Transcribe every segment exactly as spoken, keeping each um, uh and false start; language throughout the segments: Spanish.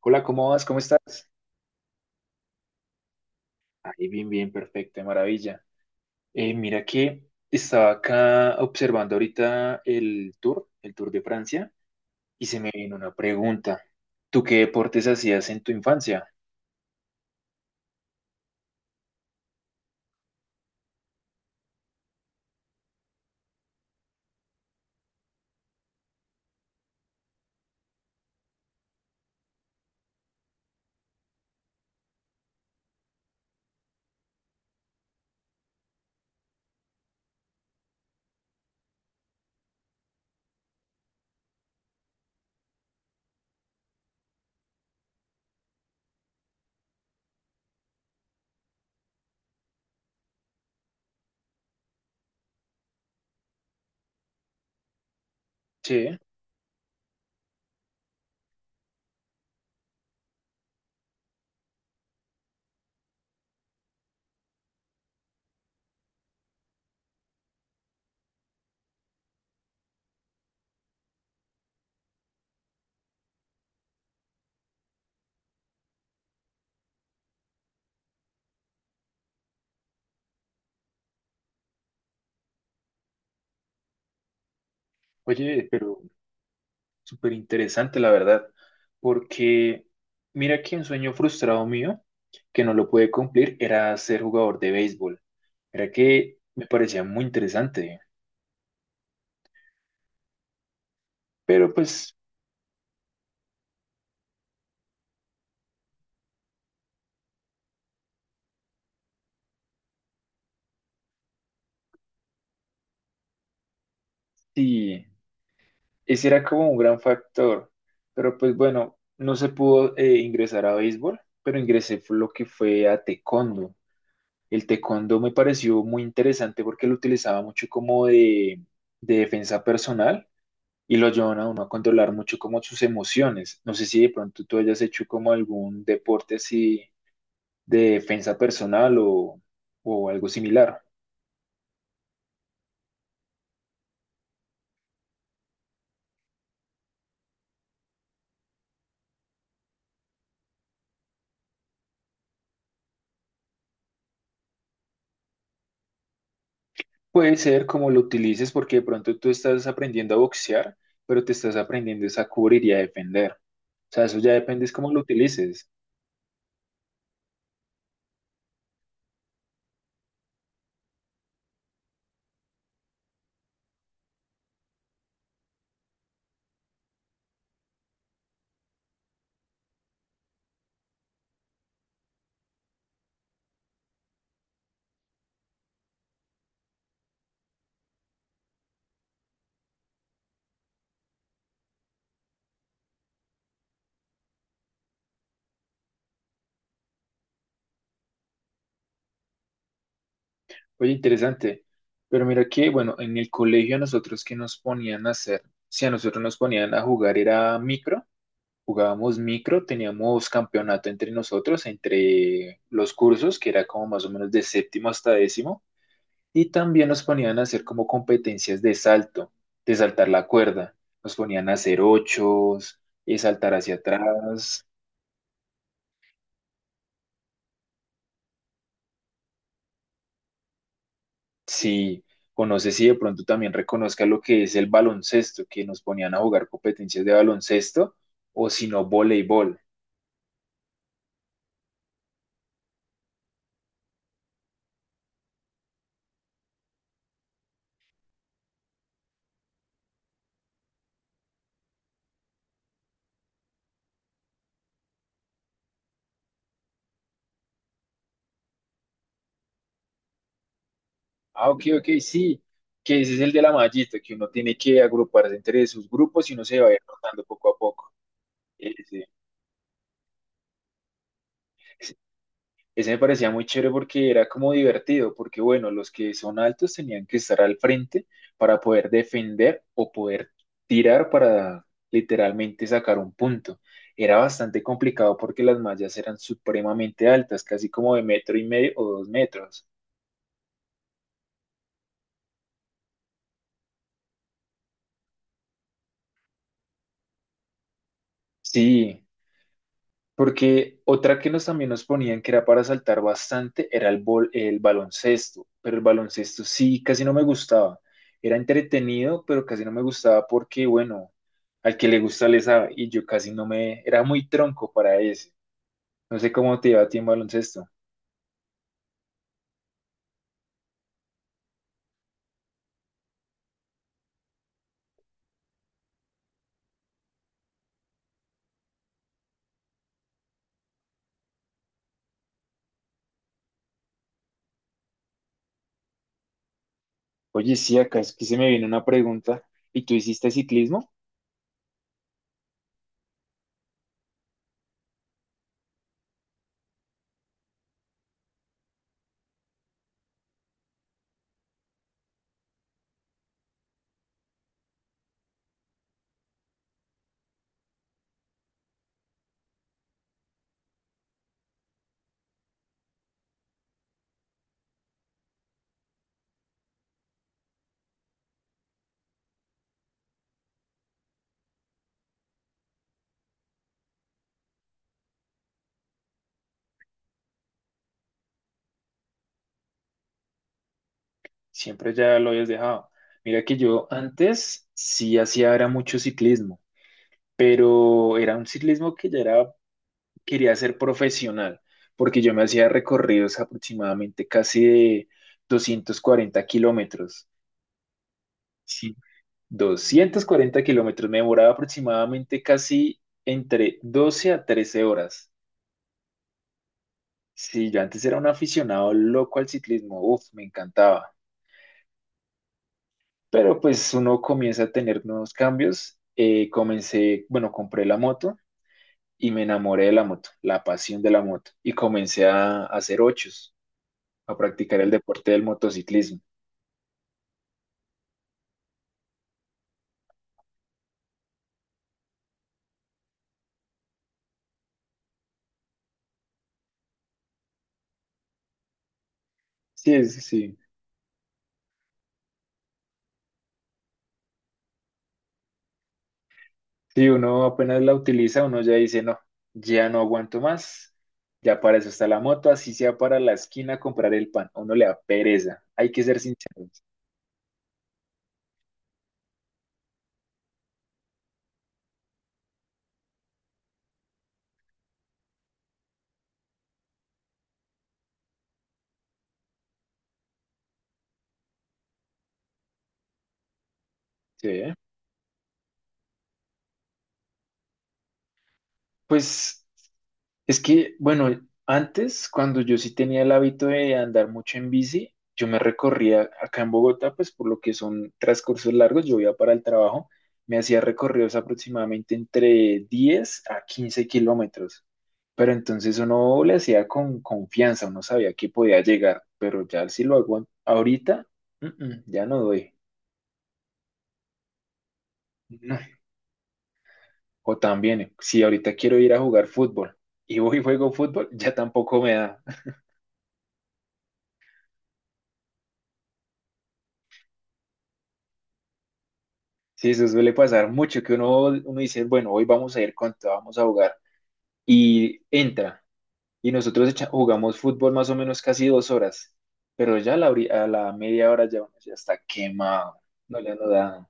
Hola, ¿cómo vas? ¿Cómo estás? Ahí bien, bien, perfecto, de maravilla. Eh, mira que estaba acá observando ahorita el Tour, el Tour de Francia, y se me vino una pregunta. ¿Tú qué deportes hacías en tu infancia? Che, oye, pero súper interesante, la verdad, porque mira que un sueño frustrado mío, que no lo pude cumplir, era ser jugador de béisbol. Era que me parecía muy interesante, pero pues sí. Ese era como un gran factor, pero pues bueno, no se pudo eh, ingresar a béisbol, pero ingresé fue lo que fue a taekwondo. El taekwondo me pareció muy interesante porque lo utilizaba mucho como de, de defensa personal y lo ayudaban a uno a controlar mucho como sus emociones. No sé si de pronto tú hayas hecho como algún deporte así de defensa personal o, o algo similar. Puede ser como lo utilices porque de pronto tú estás aprendiendo a boxear, pero te estás aprendiendo es a cubrir y a defender. O sea, eso ya depende es cómo lo utilices. Oye, interesante. Pero mira que, bueno, en el colegio a nosotros que nos ponían a hacer, si a nosotros nos ponían a jugar era micro, jugábamos micro, teníamos campeonato entre nosotros, entre los cursos, que era como más o menos de séptimo hasta décimo. Y también nos ponían a hacer como competencias de salto, de saltar la cuerda. Nos ponían a hacer ochos, eh, saltar hacia atrás. Sí, o no sé si de pronto también reconozca lo que es el baloncesto, que nos ponían a jugar competencias de baloncesto, o si no, voleibol. Ah, ok, ok, sí, que ese es el de la mallita, que uno tiene que agruparse entre sus grupos y uno se va a ir rotando poco a poco. Ese. Ese me parecía muy chévere porque era como divertido, porque bueno, los que son altos tenían que estar al frente para poder defender o poder tirar para literalmente sacar un punto. Era bastante complicado porque las mallas eran supremamente altas, casi como de metro y medio o dos metros. Sí, porque otra que nos también nos ponían que era para saltar bastante era el, bol- el baloncesto, pero el baloncesto sí casi no me gustaba. Era entretenido, pero casi no me gustaba porque, bueno, al que le gusta le sabe y yo casi no me... Era muy tronco para ese. No sé cómo te iba a ti en baloncesto. Oye, sí, acá es que se me viene una pregunta. ¿Y tú hiciste ciclismo? Siempre ya lo habías dejado. Mira que yo antes sí hacía era mucho ciclismo, pero era un ciclismo que ya era quería ser profesional, porque yo me hacía recorridos aproximadamente casi de doscientos cuarenta kilómetros. Sí. Doscientos cuarenta kilómetros, me demoraba aproximadamente casi entre doce a trece horas. Sí, yo antes era un aficionado loco al ciclismo, uff, me encantaba. Pero pues uno comienza a tener nuevos cambios. Eh, comencé, bueno, compré la moto y me enamoré de la moto, la pasión de la moto, y comencé a, a hacer ochos, a practicar el deporte del motociclismo. Sí, es- sí. Si uno apenas la utiliza, uno ya dice, no, ya no aguanto más, ya para eso está la moto, así sea para la esquina a comprar el pan, a uno le da pereza, hay que ser sinceros. Sí, ¿eh? Pues es que, bueno, antes, cuando yo sí tenía el hábito de andar mucho en bici, yo me recorría acá en Bogotá, pues por lo que son transcursos largos, yo iba para el trabajo, me hacía recorridos aproximadamente entre diez a quince kilómetros. Pero entonces uno le hacía con confianza, uno sabía que podía llegar, pero ya si lo hago ahorita, mm, mm, ya no doy. No. O también, si ahorita quiero ir a jugar fútbol y voy y juego fútbol, ya tampoco me da. Sí, eso suele pasar mucho, que uno, uno dice, bueno, hoy vamos a ir con todo, vamos a jugar. Y entra, y nosotros echa- jugamos fútbol más o menos casi dos horas, pero ya a la, hori- a la media hora ya uno ya está quemado, no le no da.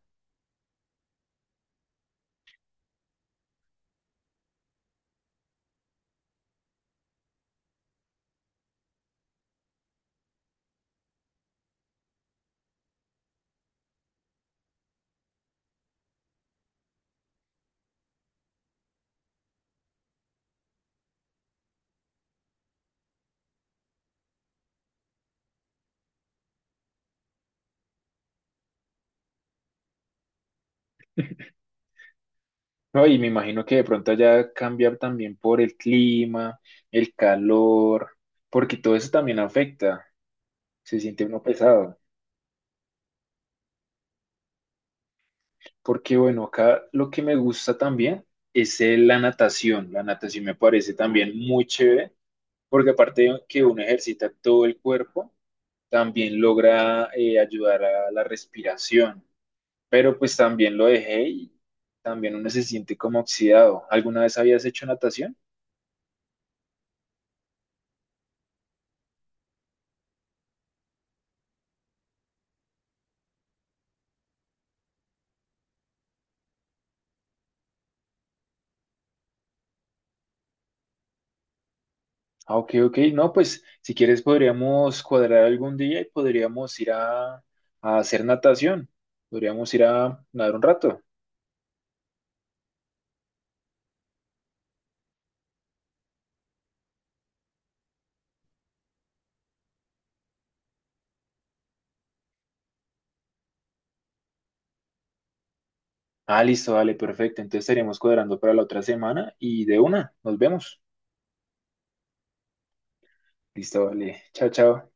No, y me imagino que de pronto allá cambiar también por el clima, el calor, porque todo eso también afecta, se siente uno pesado. Porque bueno, acá lo que me gusta también es eh, la natación. La natación me parece también muy chévere, porque aparte de que uno ejercita todo el cuerpo, también logra eh, ayudar a la respiración. Pero pues también lo dejé y también uno se siente como oxidado. ¿Alguna vez habías hecho natación? Ah, ok, ok. No, pues si quieres podríamos cuadrar algún día y podríamos ir a, a hacer natación. Podríamos ir a nadar un rato. Ah, listo, vale, perfecto. Entonces estaríamos cuadrando para la otra semana y de una, nos vemos. Listo, vale. Chao, chao.